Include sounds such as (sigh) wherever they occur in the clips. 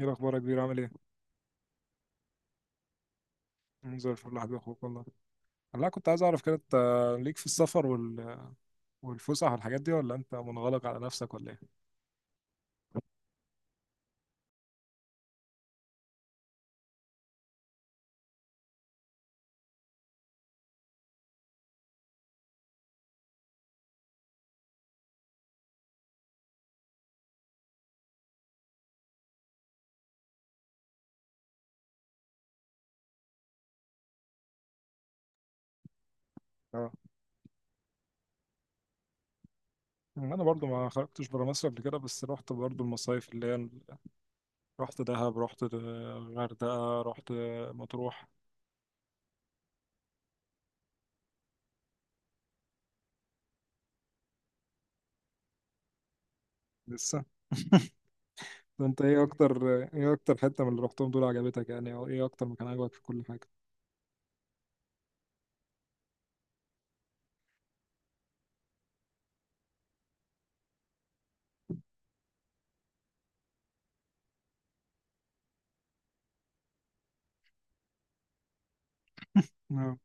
ايه الاخبار يا كبير؟ عامل ايه؟ زي الفل يا حبيبي، اخوك والله. والله كنت عايز اعرف كده، انت ليك في السفر والفسح والحاجات دي، ولا انت منغلق على نفسك ولا ايه؟ اه. انا برضو ما خرجتش برا مصر قبل كده، بس رحت برضو المصايف رحت دهب، غردقة، رحت مطروح. لسه. انت ايه اكتر حتة من اللي رحتهم دول عجبتك، يعني او ايه اكتر مكان عجبك في كل حاجة؟ اه.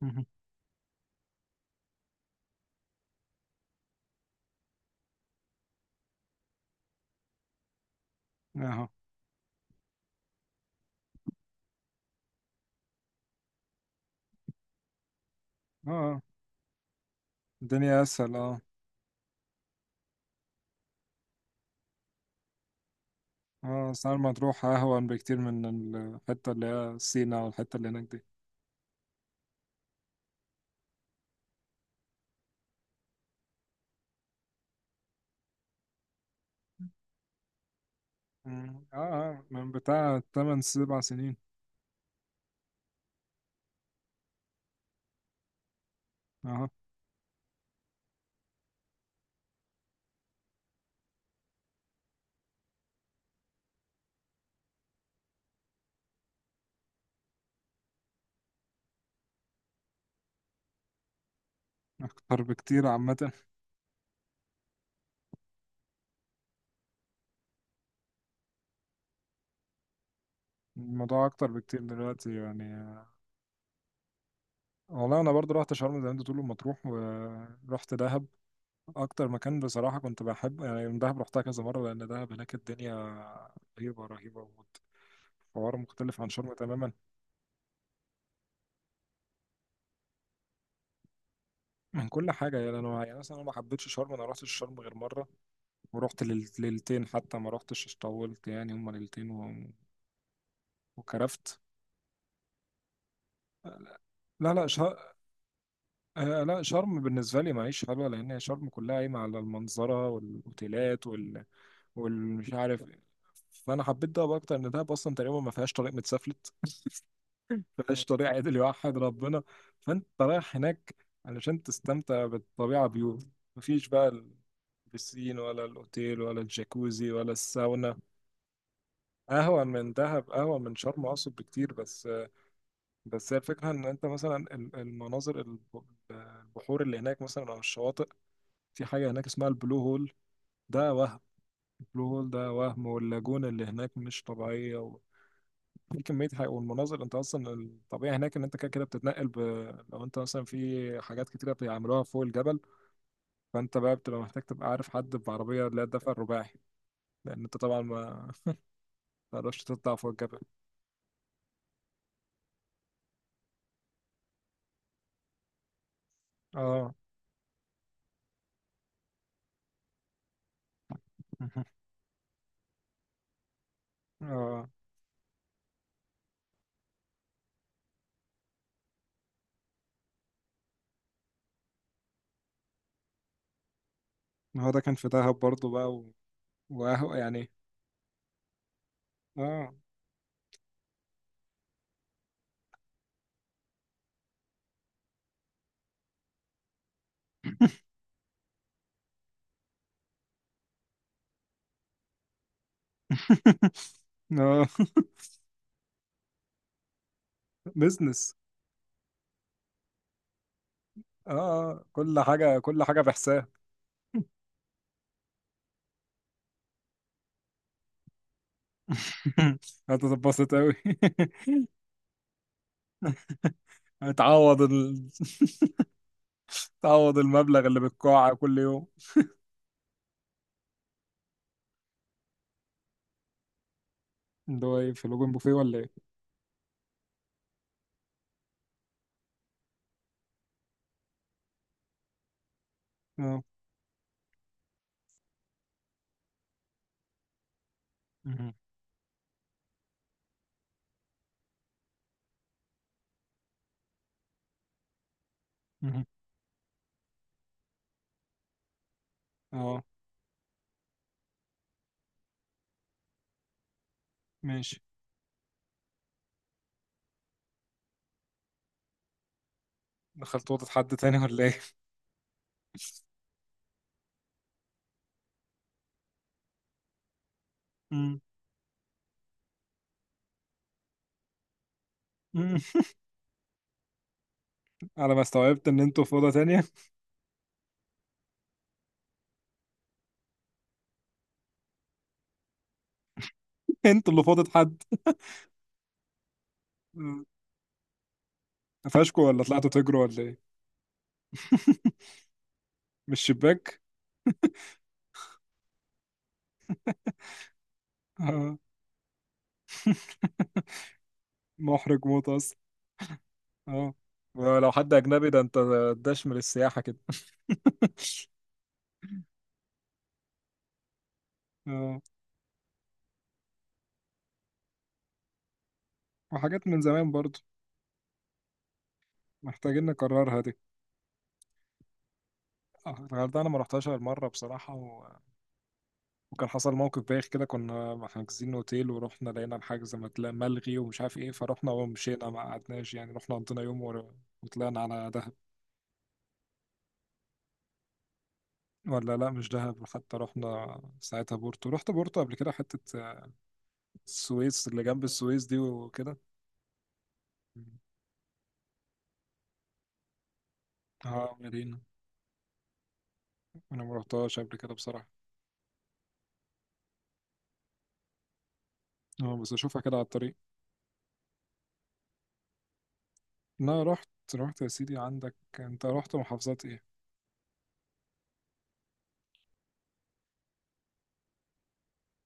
مهم. اهو. اه، اه، الدنيا اسهل. اه. اه، مرسى مطروح أهون بكتير من الحتة اللي هي سينا، والحتة اللي هناك دي. مم. اه، اه، من بتاع تمن سبع سنين. اه. أكتر بكتير عامة. الموضوع أكتر بكتير دلوقتي يعني. والله أنا برضو رحت شرم زي ما أنت بتقول، ومطروح، ورحت دهب. أكتر مكان بصراحة كنت بحب يعني من دهب، رحتها كذا مرة، لأن دهب هناك الدنيا رهيبة رهيبة. حوار مختلف عن شرم تماما. من كل حاجة يعني، أنا يعني مثلا أنا ما حبيتش شرم. أنا رحت شرم غير مرة، ورحت ليلتين، حتى ما رحتش طولت، يعني هما ليلتين وكرفت. لا، لا، شر... آه، لا شرم بالنسبة لي معيش حلوة، لأن هي شرم كلها قايمة على المنظرة والأوتيلات والمش عارف. فأنا حبيت دهب أكتر، إن دهب أصلا تقريبا ما فيهاش طريق متسفلت، ما فيهاش طريق عدل يوحد ربنا. فأنت رايح هناك علشان تستمتع بالطبيعة، مفيش بقى البسين ولا الأوتيل ولا الجاكوزي ولا الساونا. قهوة من شرم أقصد، بكتير. بس، بس هي الفكرة إن أنت مثلا المناظر البحور اللي هناك مثلا أو الشواطئ. في حاجة هناك اسمها البلو هول ده وهم. البلو هول ده وهم، واللاجون اللي هناك مش طبيعية في كمية حاجة. والمناظر، أنت أصلا الطبيعي هناك إن أنت كده كده بتتنقل لو أنت مثلا في حاجات كتيرة بيعملوها فوق الجبل، فأنت بقى بتبقى محتاج تبقى عارف حد بعربية اللي هي الدفع الرباعي، لأن أنت طبعا ما تقدرش تطلع فوق الجبل. اه. (laughs) اه، ما هو ده كان في دهب برضه بقى وقهوة يعني. اه. (laughs) اه. بزنس. اه. آه. كل حاجة كل حاجة بحساب. (laughs) هتتبسط أوي. (laughs) هتعوض ال... تعوض المبلغ اللي بتقع كل يوم. اللي هو ايه، في لوجن بوفيه ولا ايه؟ اه. مهم. مهم. اه. ماشي. دخلت اوضة حد تاني ولا ايه؟ (laughs) مم. مم. على ما استوعبت ان انتوا في اوضة تانية. (laughs) انتوا اللي في اوضة حد. مم. قفشكوا ولا طلعتوا تجروا ولا ايه؟ (laughs) مش شباك؟ آه. (laughs) محرج موت اصلا. اه. ولو حد اجنبي، ده انت داش من السياحه كده. اه. وحاجات من زمان برضو. محتاجين نكررها دي. الغردقه انا ما رحتهاش غير مره بصراحه وكان حصل موقف بايخ كده، كنا حاجزين اوتيل ورحنا لقينا الحجز ملغي ومش عارف ايه، فرحنا ومشينا ما قعدناش يعني، رحنا قضينا يوم وطلعنا على دهب. ولا، لا، مش دهب، حتى رحنا ساعتها بورتو. رحت بورتو قبل كده، حته السويس اللي جنب السويس دي وكده. اه. مارينا انا ما رحتهاش قبل كده بصراحه. اه، بس اشوفها كده على الطريق. انا رحت يا سيدي عندك. انت رحت محافظات ايه؟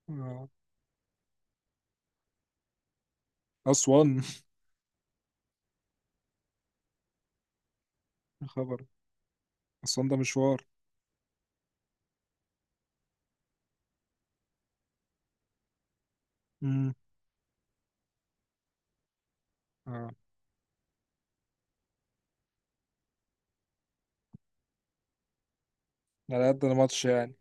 آه. اسوان. (laughs) يا خبر. اسوان ده مشوار. امم اه، على قد الماتش يعني.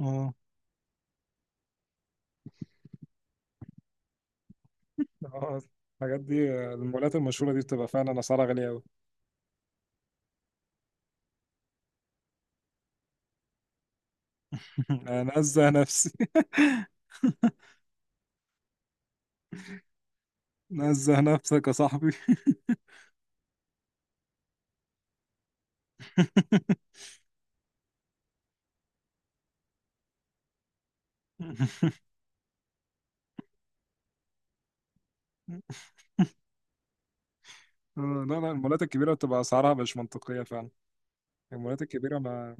اه. اه، الحاجات دي المولات المشهوره دي بتبقى فعلا اسعارها غاليه قوي. (laughs) نزه نفسي. (laughs) نزه نفسك يا صاحبي. (laughs) آه، لا، لا، المولات الكبيرة بتبقى أسعارها مش منطقية فعلا. المولات الكبيرة ما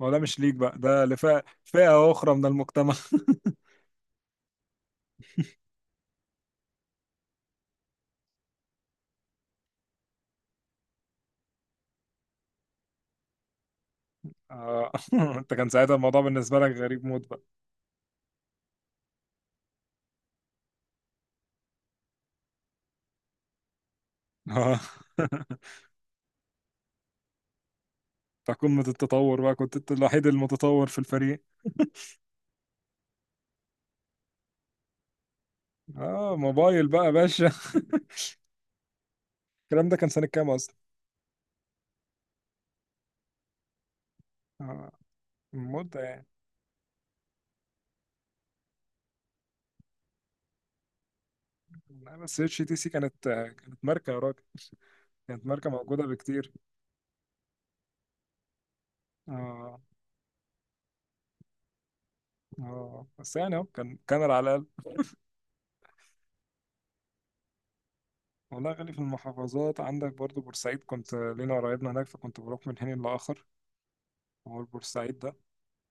ما هو ده مش ليك بقى، ده لفئة، فئة أخرى من المجتمع. (laughs) آه. (laughs) انت كان ساعتها الموضوع بالنسبة لك غريب موت بقى. اه. (laughs) بتاع قمة التطور بقى، كنت انت الوحيد المتطور في الفريق. اه، موبايل بقى يا باشا. (laughs) الكلام ده كان سنة كام أصلا؟ آه. مدة يعني. لا، بس اتش تي سي كانت ماركة يا راجل. كانت ماركة موجودة بكتير. اه. اه، بس يعني اهو كان على الأقل. والله يا غالي، في المحافظات عندك برضو بورسعيد، كنت لينا قرايبنا هناك فكنت بروح من حين لآخر. هو البورسعيد ده.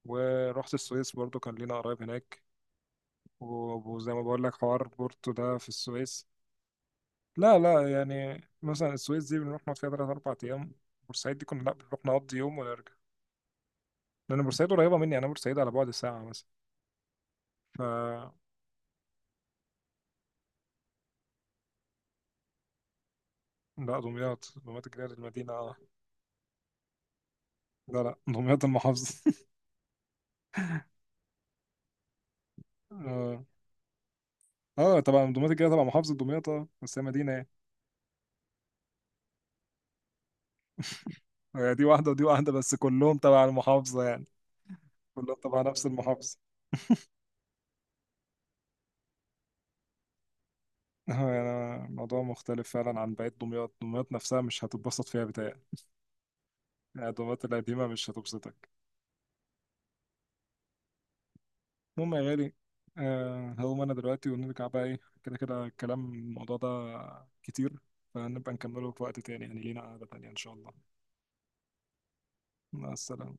ورحت السويس برضو، كان لينا قرايب هناك، وزي ما بقول لك حوار بورتو ده في السويس. لا، لا، يعني مثلا السويس دي بنروح نقعد فيها تلات أربع أيام. بورسعيد دي كنا لا بنروح نقضي يوم ونرجع. لأن بورسعيد قريبة مني، أنا بورسعيد على بعد ساعة مثلا. ف لا، دمياط الجديدة المدينة. اه. لا، لا، دمياط المحافظة. (laughs) اه. طبعا دمياط الجديدة تبع محافظة دمياط. اه، بس هي مدينة يعني. هي دي واحدة ودي واحدة، بس كلهم تبع المحافظة يعني. كلهم تبع نفس المحافظة. (laughs) آه، يعني الموضوع مختلف فعلا عن بقية دمياط. دمياط نفسها مش هتتبسط فيها بتهيألي. الأدوات القديمة مش هتبسطك. المهم يا غالي. هقوم أنا دلوقتي ونرجع بقى. إيه كده كده الموضوع ده كتير، فنبقى نكمله في وقت تاني يعني. لينا قعدة تانية إن شاء الله. مع السلامة.